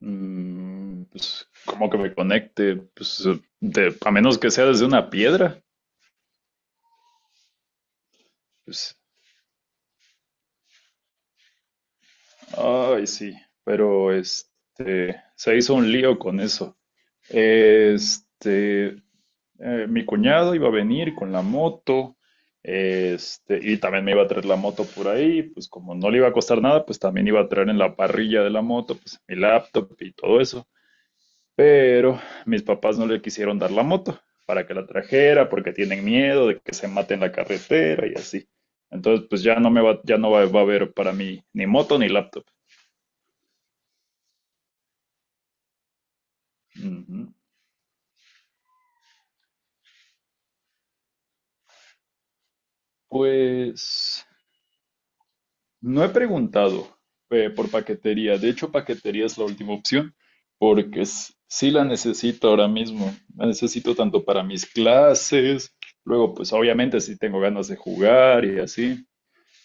Pues, ¿cómo que me conecte? Pues, a menos que sea desde una piedra. Pues, ay, sí, pero se hizo un lío con eso. Este, mi cuñado iba a venir con la moto, y también me iba a traer la moto por ahí, pues como no le iba a costar nada, pues también iba a traer en la parrilla de la moto, pues mi laptop y todo eso. Pero mis papás no le quisieron dar la moto para que la trajera porque tienen miedo de que se mate en la carretera y así. Entonces, pues ya no me va, ya no va, va a haber para mí ni moto ni laptop. Ujú. Pues no he preguntado por paquetería. De hecho, paquetería es la última opción porque sí la necesito ahora mismo. La necesito tanto para mis clases, luego pues obviamente sí tengo ganas de jugar y así.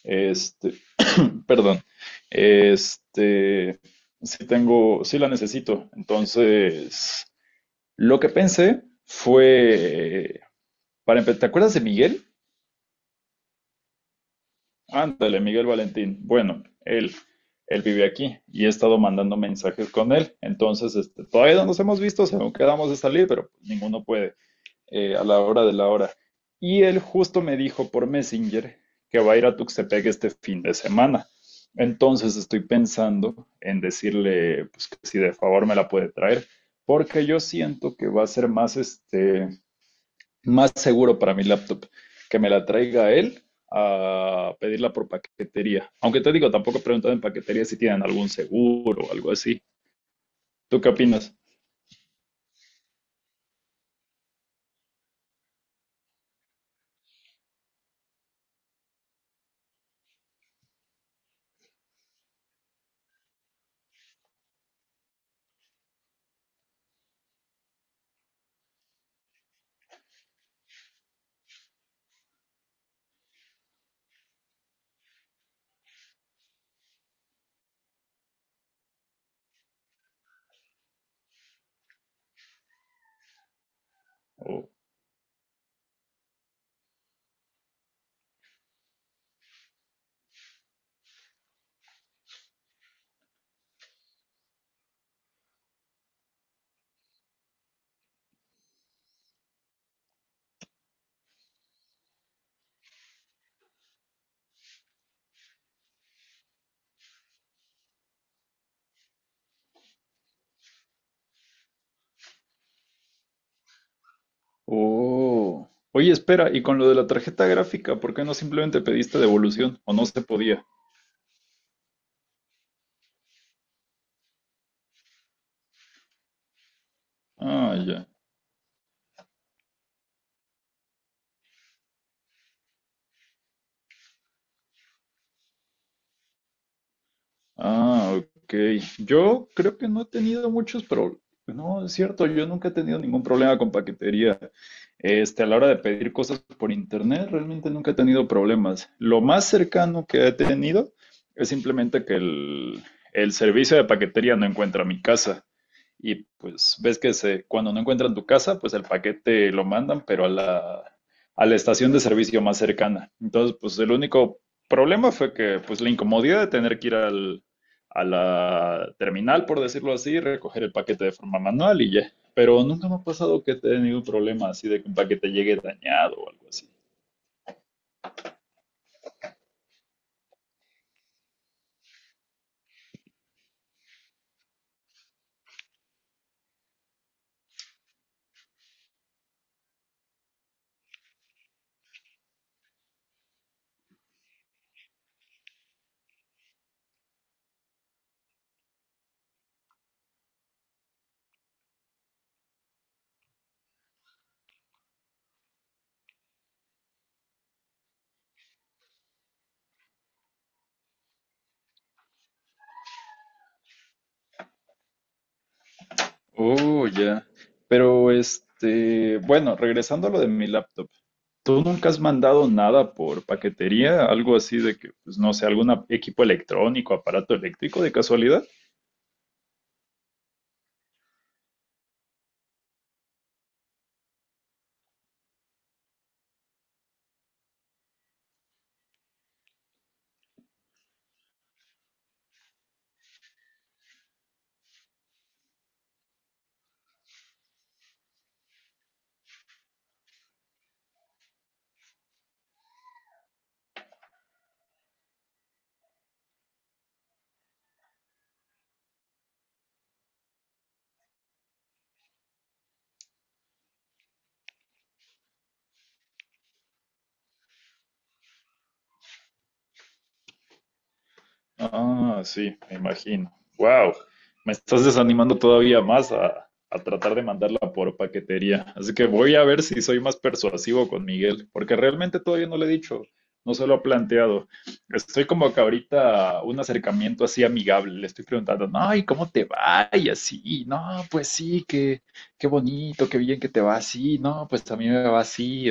Este, Perdón. Este, sí la necesito. Entonces, lo que pensé fue, ¿te acuerdas de Miguel? Ándale, Miguel Valentín. Bueno, él vive aquí y he estado mandando mensajes con él. Entonces, todavía no nos hemos visto, según quedamos de salir, pero ninguno puede a la hora de la hora. Y él justo me dijo por Messenger que va a ir a Tuxtepec este fin de semana. Entonces estoy pensando en decirle pues, que si de favor me la puede traer, porque yo siento que va a ser más, más seguro para mi laptop que me la traiga él a pedirla por paquetería. Aunque te digo, tampoco he preguntado en paquetería si tienen algún seguro o algo así. ¿Tú qué opinas? Oh. Oye, espera, y con lo de la tarjeta gráfica, ¿por qué no simplemente pediste devolución? ¿O no se podía? Ah, ya. Ah, ok. Yo creo que no he tenido muchos problemas. No, es cierto, yo nunca he tenido ningún problema con paquetería. A la hora de pedir cosas por internet, realmente nunca he tenido problemas. Lo más cercano que he tenido es simplemente que el servicio de paquetería no encuentra mi casa. Y pues ves que se, cuando no encuentran tu casa, pues el paquete lo mandan, pero a la estación de servicio más cercana. Entonces, pues el único problema fue que pues la incomodidad de tener que ir a la terminal, por decirlo así, recoger el paquete de forma manual y ya. Pero nunca me ha pasado que he tenido un problema así de que un paquete llegue dañado o algo así. Oh, ya. Pero bueno, regresando a lo de mi laptop, ¿tú nunca has mandado nada por paquetería? ¿Algo así de que, pues no sé, algún equipo electrónico, aparato eléctrico de casualidad? Ah, sí, me imagino. Wow, me estás desanimando todavía más a tratar de mandarla por paquetería. Así que voy a ver si soy más persuasivo con Miguel, porque realmente todavía no le he dicho, no se lo ha planteado. Estoy como que ahorita un acercamiento así amigable, le estoy preguntando, no, ¿y cómo te va? Y así, no, pues sí, qué bonito, qué bien que te va así, no, pues a mí me va así.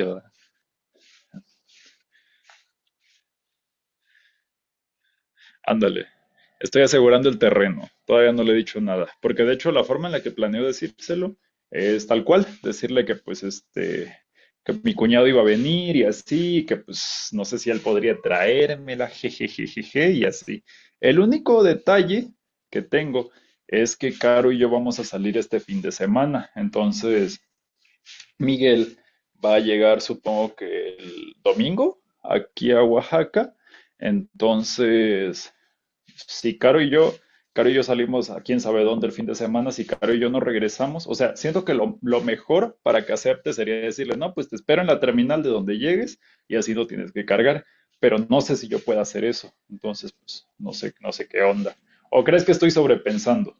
Ándale. Estoy asegurando el terreno. Todavía no le he dicho nada. Porque de hecho la forma en la que planeo decírselo es tal cual. Decirle que pues que mi cuñado iba a venir y así, que pues no sé si él podría traérmela, jejejejeje, y así. El único detalle que tengo es que Caro y yo vamos a salir este fin de semana. Entonces, Miguel va a llegar, supongo que el domingo, aquí a Oaxaca. Entonces, si Caro y yo, Caro y yo salimos a quién sabe dónde el fin de semana, si Caro y yo no regresamos, o sea, siento que lo mejor para que acepte sería decirle, no, pues te espero en la terminal de donde llegues y así no tienes que cargar, pero no sé si yo pueda hacer eso, entonces, pues, no sé qué onda. ¿O crees que estoy sobrepensando?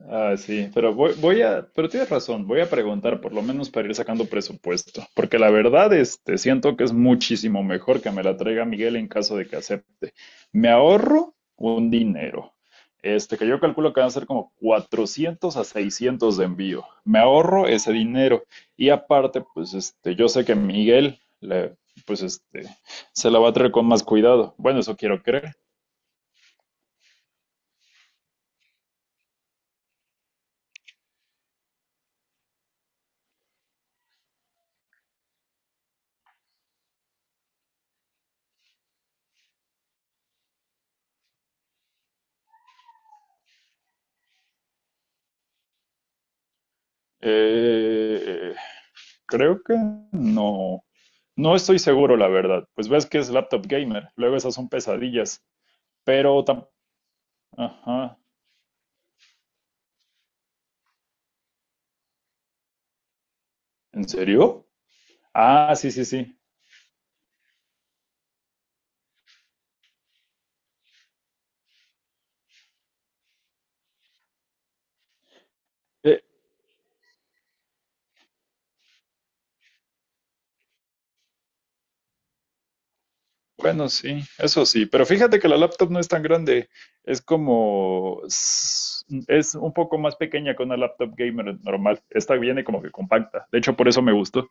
Ah, sí, pero pero tienes razón, voy a preguntar por lo menos para ir sacando presupuesto, porque la verdad, siento que es muchísimo mejor que me la traiga Miguel en caso de que acepte. Me ahorro un dinero, que yo calculo que van a ser como 400 a 600 de envío. Me ahorro ese dinero y aparte, pues, yo sé que pues, se la va a traer con más cuidado. Bueno, eso quiero creer. Eh, Creo que no. No estoy seguro, la verdad. Pues ves que es laptop gamer. Luego esas son pesadillas. Pero tam- Ajá. ¿En serio? Ah, sí, sí, sí. Eh, bueno, sí, eso sí. Pero fíjate que la laptop no es tan grande. Es como... Es un poco más pequeña que una laptop gamer normal. Esta viene como que compacta. De hecho, por eso me gustó.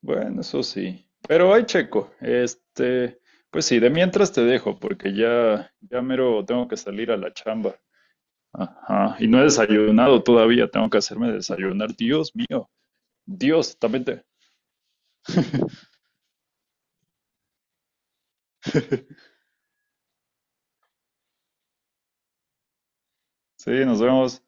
Bueno, eso sí. Pero hay checo. Pues sí, de mientras te dejo, porque ya mero tengo que salir a la chamba. Ajá. Y no he desayunado todavía, tengo que hacerme desayunar. Dios mío. Dios, también te- Sí, nos vemos.